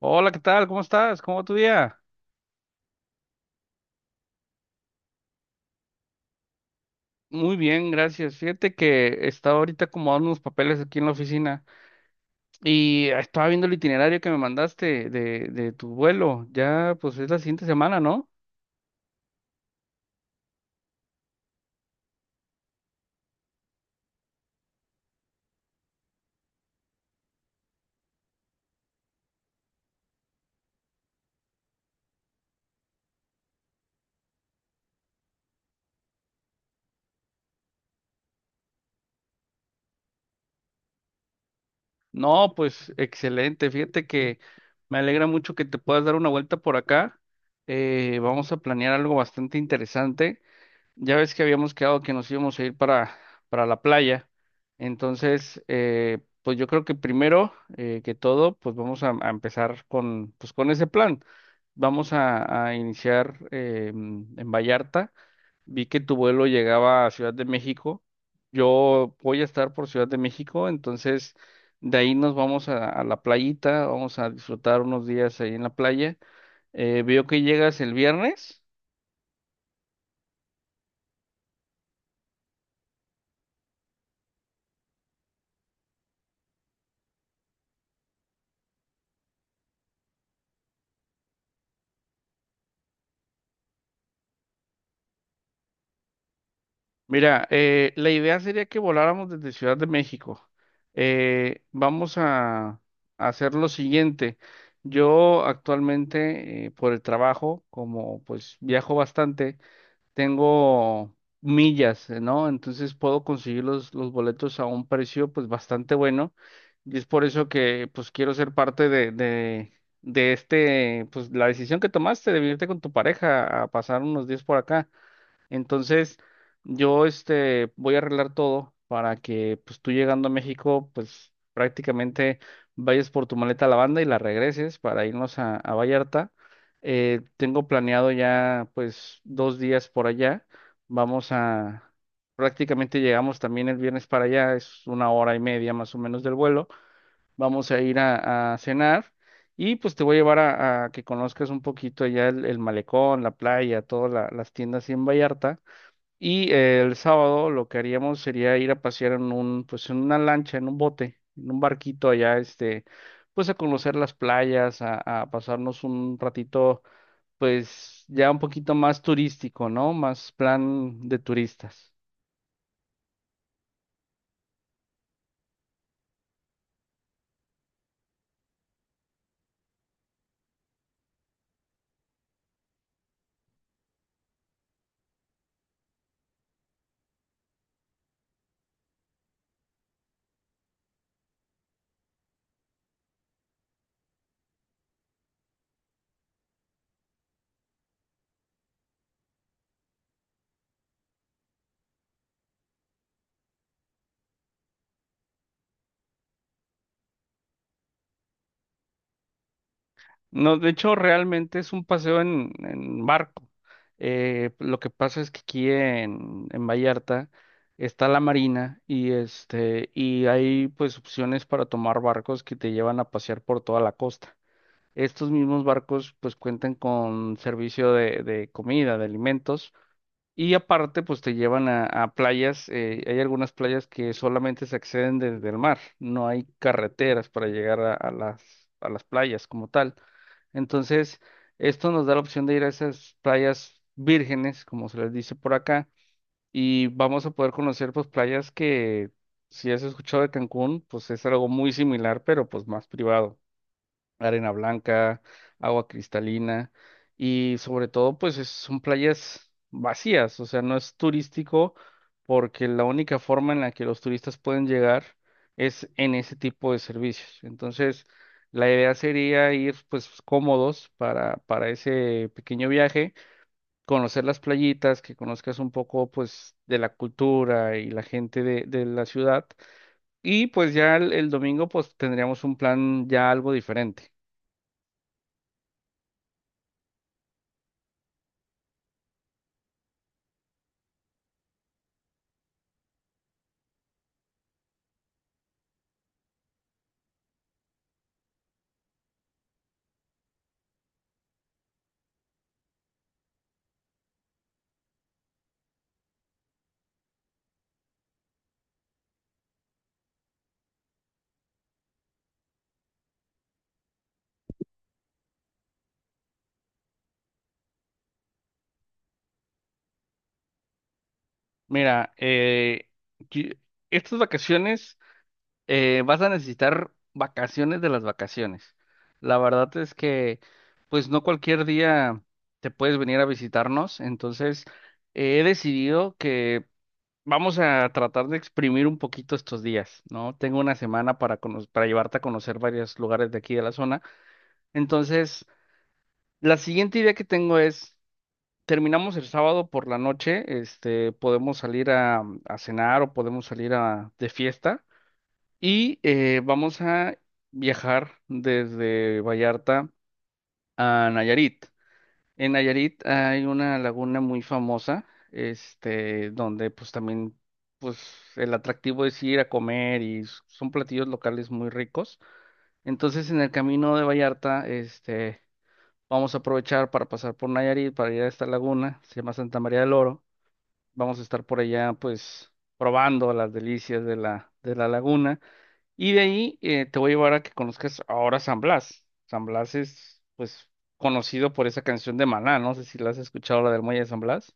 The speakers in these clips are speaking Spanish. Hola, ¿qué tal? ¿Cómo estás? ¿Cómo va tu día? Muy bien, gracias. Fíjate que estaba ahorita acomodando unos papeles aquí en la oficina y estaba viendo el itinerario que me mandaste de tu vuelo. Ya, pues es la siguiente semana, ¿no? No, pues excelente. Fíjate que me alegra mucho que te puedas dar una vuelta por acá. Vamos a planear algo bastante interesante. Ya ves que habíamos quedado que nos íbamos a ir para la playa. Entonces, pues yo creo que primero que todo, pues vamos a empezar con, pues con ese plan. Vamos a iniciar en Vallarta. Vi que tu vuelo llegaba a Ciudad de México. Yo voy a estar por Ciudad de México, entonces de ahí nos vamos a la playita, vamos a disfrutar unos días ahí en la playa. Veo que llegas el viernes. Mira, la idea sería que voláramos desde Ciudad de México. Vamos a hacer lo siguiente. Yo actualmente, por el trabajo, como pues viajo bastante, tengo millas, ¿no? Entonces puedo conseguir los boletos a un precio pues bastante bueno. Y es por eso que pues quiero ser parte de este, pues la decisión que tomaste de venirte con tu pareja a pasar unos días por acá. Entonces, yo este voy a arreglar todo para que pues tú llegando a México, pues prácticamente vayas por tu maleta a la banda y la regreses para irnos a Vallarta. Tengo planeado ya pues dos días por allá. Vamos a, prácticamente llegamos también el viernes para allá, es una hora y media más o menos del vuelo. Vamos a ir a cenar. Y pues te voy a llevar a que conozcas un poquito allá el malecón, la playa, todas las tiendas ahí en Vallarta. Y el sábado lo que haríamos sería ir a pasear en un, pues en una lancha, en un bote, en un barquito allá, este, pues a conocer las playas, a pasarnos un ratito, pues ya un poquito más turístico, ¿no? Más plan de turistas. No, de hecho, realmente es un paseo en barco. Lo que pasa es que aquí en Vallarta está la marina y este, y hay pues opciones para tomar barcos que te llevan a pasear por toda la costa. Estos mismos barcos pues cuentan con servicio de comida, de alimentos y aparte pues te llevan a playas. Hay algunas playas que solamente se acceden desde el mar, no hay carreteras para llegar a las playas como tal. Entonces, esto nos da la opción de ir a esas playas vírgenes, como se les dice por acá, y vamos a poder conocer pues playas que si has escuchado de Cancún pues es algo muy similar pero pues más privado, arena blanca, agua cristalina y sobre todo pues son playas vacías, o sea, no es turístico porque la única forma en la que los turistas pueden llegar es en ese tipo de servicios. Entonces, la idea sería ir pues cómodos para ese pequeño viaje, conocer las playitas, que conozcas un poco pues de la cultura y la gente de la ciudad y pues ya el domingo pues tendríamos un plan ya algo diferente. Mira, qui- estas vacaciones vas a necesitar vacaciones de las vacaciones. La verdad es que, pues no cualquier día te puedes venir a visitarnos. Entonces, he decidido que vamos a tratar de exprimir un poquito estos días, ¿no? Tengo una semana para llevarte a conocer varios lugares de aquí de la zona. Entonces, la siguiente idea que tengo es terminamos el sábado por la noche, este, podemos salir a cenar o podemos salir a, de fiesta y vamos a viajar desde Vallarta a Nayarit. En Nayarit hay una laguna muy famosa, este, donde pues también pues el atractivo es ir a comer y son platillos locales muy ricos. Entonces en el camino de Vallarta, este, vamos a aprovechar para pasar por Nayarit, para ir a esta laguna, se llama Santa María del Oro. Vamos a estar por allá, pues, probando las delicias de la laguna. Y de ahí te voy a llevar a que conozcas ahora San Blas. San Blas es, pues, conocido por esa canción de Maná. No sé si la has escuchado, la del Muelle de San Blas.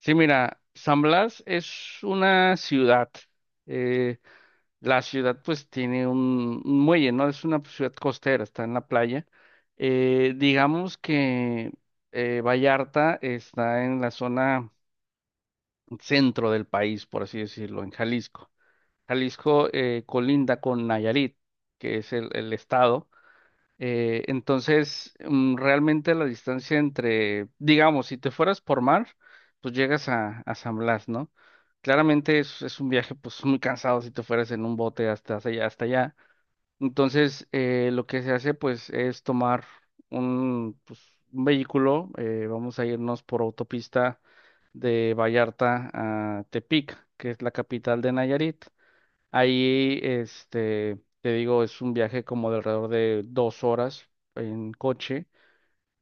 Sí, mira, San Blas es una ciudad. eh, la ciudad, pues, tiene un muelle, ¿no? Es una ciudad costera, está en la playa. Digamos que Vallarta está en la zona centro del país, por así decirlo, en Jalisco. Jalisco colinda con Nayarit, que es el estado. Entonces, realmente la distancia entre, digamos, si te fueras por mar, pues llegas a San Blas, ¿no? Claramente es un viaje pues muy cansado si te fueras en un bote hasta allá. Entonces, lo que se hace pues es tomar un, pues, un vehículo, vamos a irnos por autopista de Vallarta a Tepic, que es la capital de Nayarit. Ahí, este, te digo, es un viaje como de alrededor de dos horas en coche.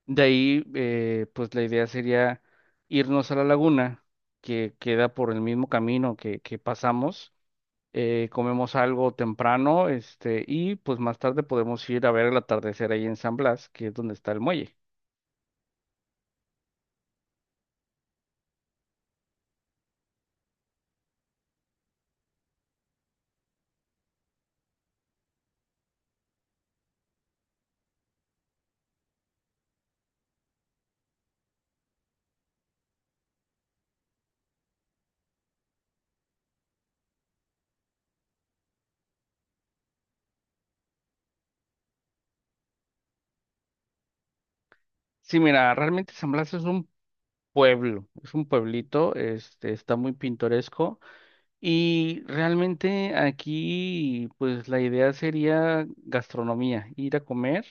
De ahí, pues la idea sería irnos a la laguna, que queda por el mismo camino que pasamos comemos algo temprano, este, y pues más tarde podemos ir a ver el atardecer ahí en San Blas, que es donde está el muelle. Sí, mira, realmente San Blas es un pueblo, es un pueblito, este, está muy pintoresco y realmente aquí, pues la idea sería gastronomía, ir a comer.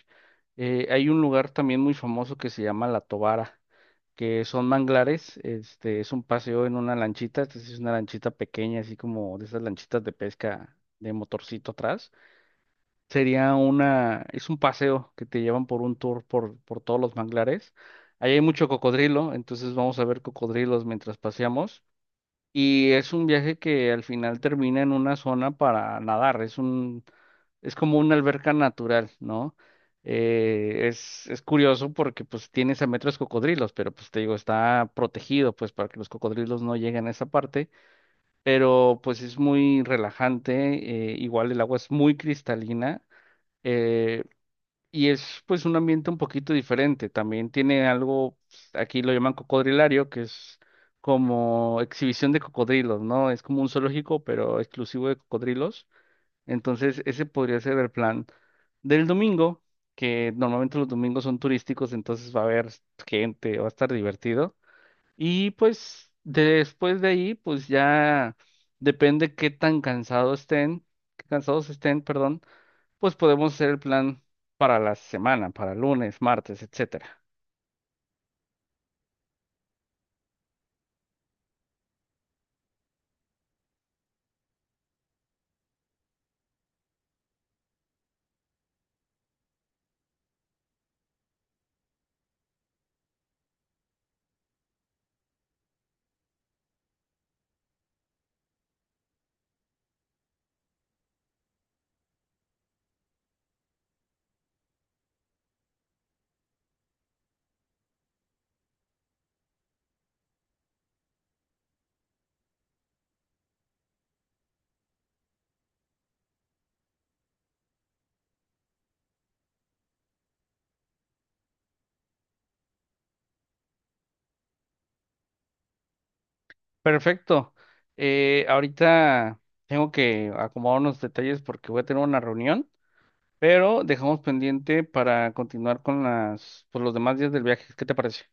Hay un lugar también muy famoso que se llama La Tobara, que son manglares, este, es un paseo en una lanchita, entonces es una lanchita pequeña, así como de esas lanchitas de pesca de motorcito atrás. Sería una, es un paseo que te llevan por un tour por todos los manglares. Ahí hay mucho cocodrilo, entonces vamos a ver cocodrilos mientras paseamos. Y es un viaje que al final termina en una zona para nadar. Es un, es como una alberca natural, ¿no? Es curioso porque pues tienes a metros cocodrilos, pero pues te digo, está protegido pues para que los cocodrilos no lleguen a esa parte, pero pues es muy relajante, igual el agua es muy cristalina, eh, y es pues un ambiente un poquito diferente. También tiene algo, aquí lo llaman cocodrilario, que es como exhibición de cocodrilos, ¿no? Es como un zoológico, pero exclusivo de cocodrilos. Entonces, ese podría ser el plan del domingo, que normalmente los domingos son turísticos, entonces va a haber gente, va a estar divertido. Y pues después de ahí, pues ya depende qué tan cansados estén, qué cansados estén, perdón, pues podemos hacer el plan para la semana, para lunes, martes, etcétera. Perfecto. Ahorita tengo que acomodar unos detalles porque voy a tener una reunión, pero dejamos pendiente para continuar con las, pues, los demás días del viaje. ¿Qué te parece?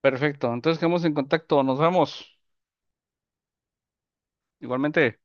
Perfecto. Entonces quedamos en contacto. Nos vemos. Igualmente.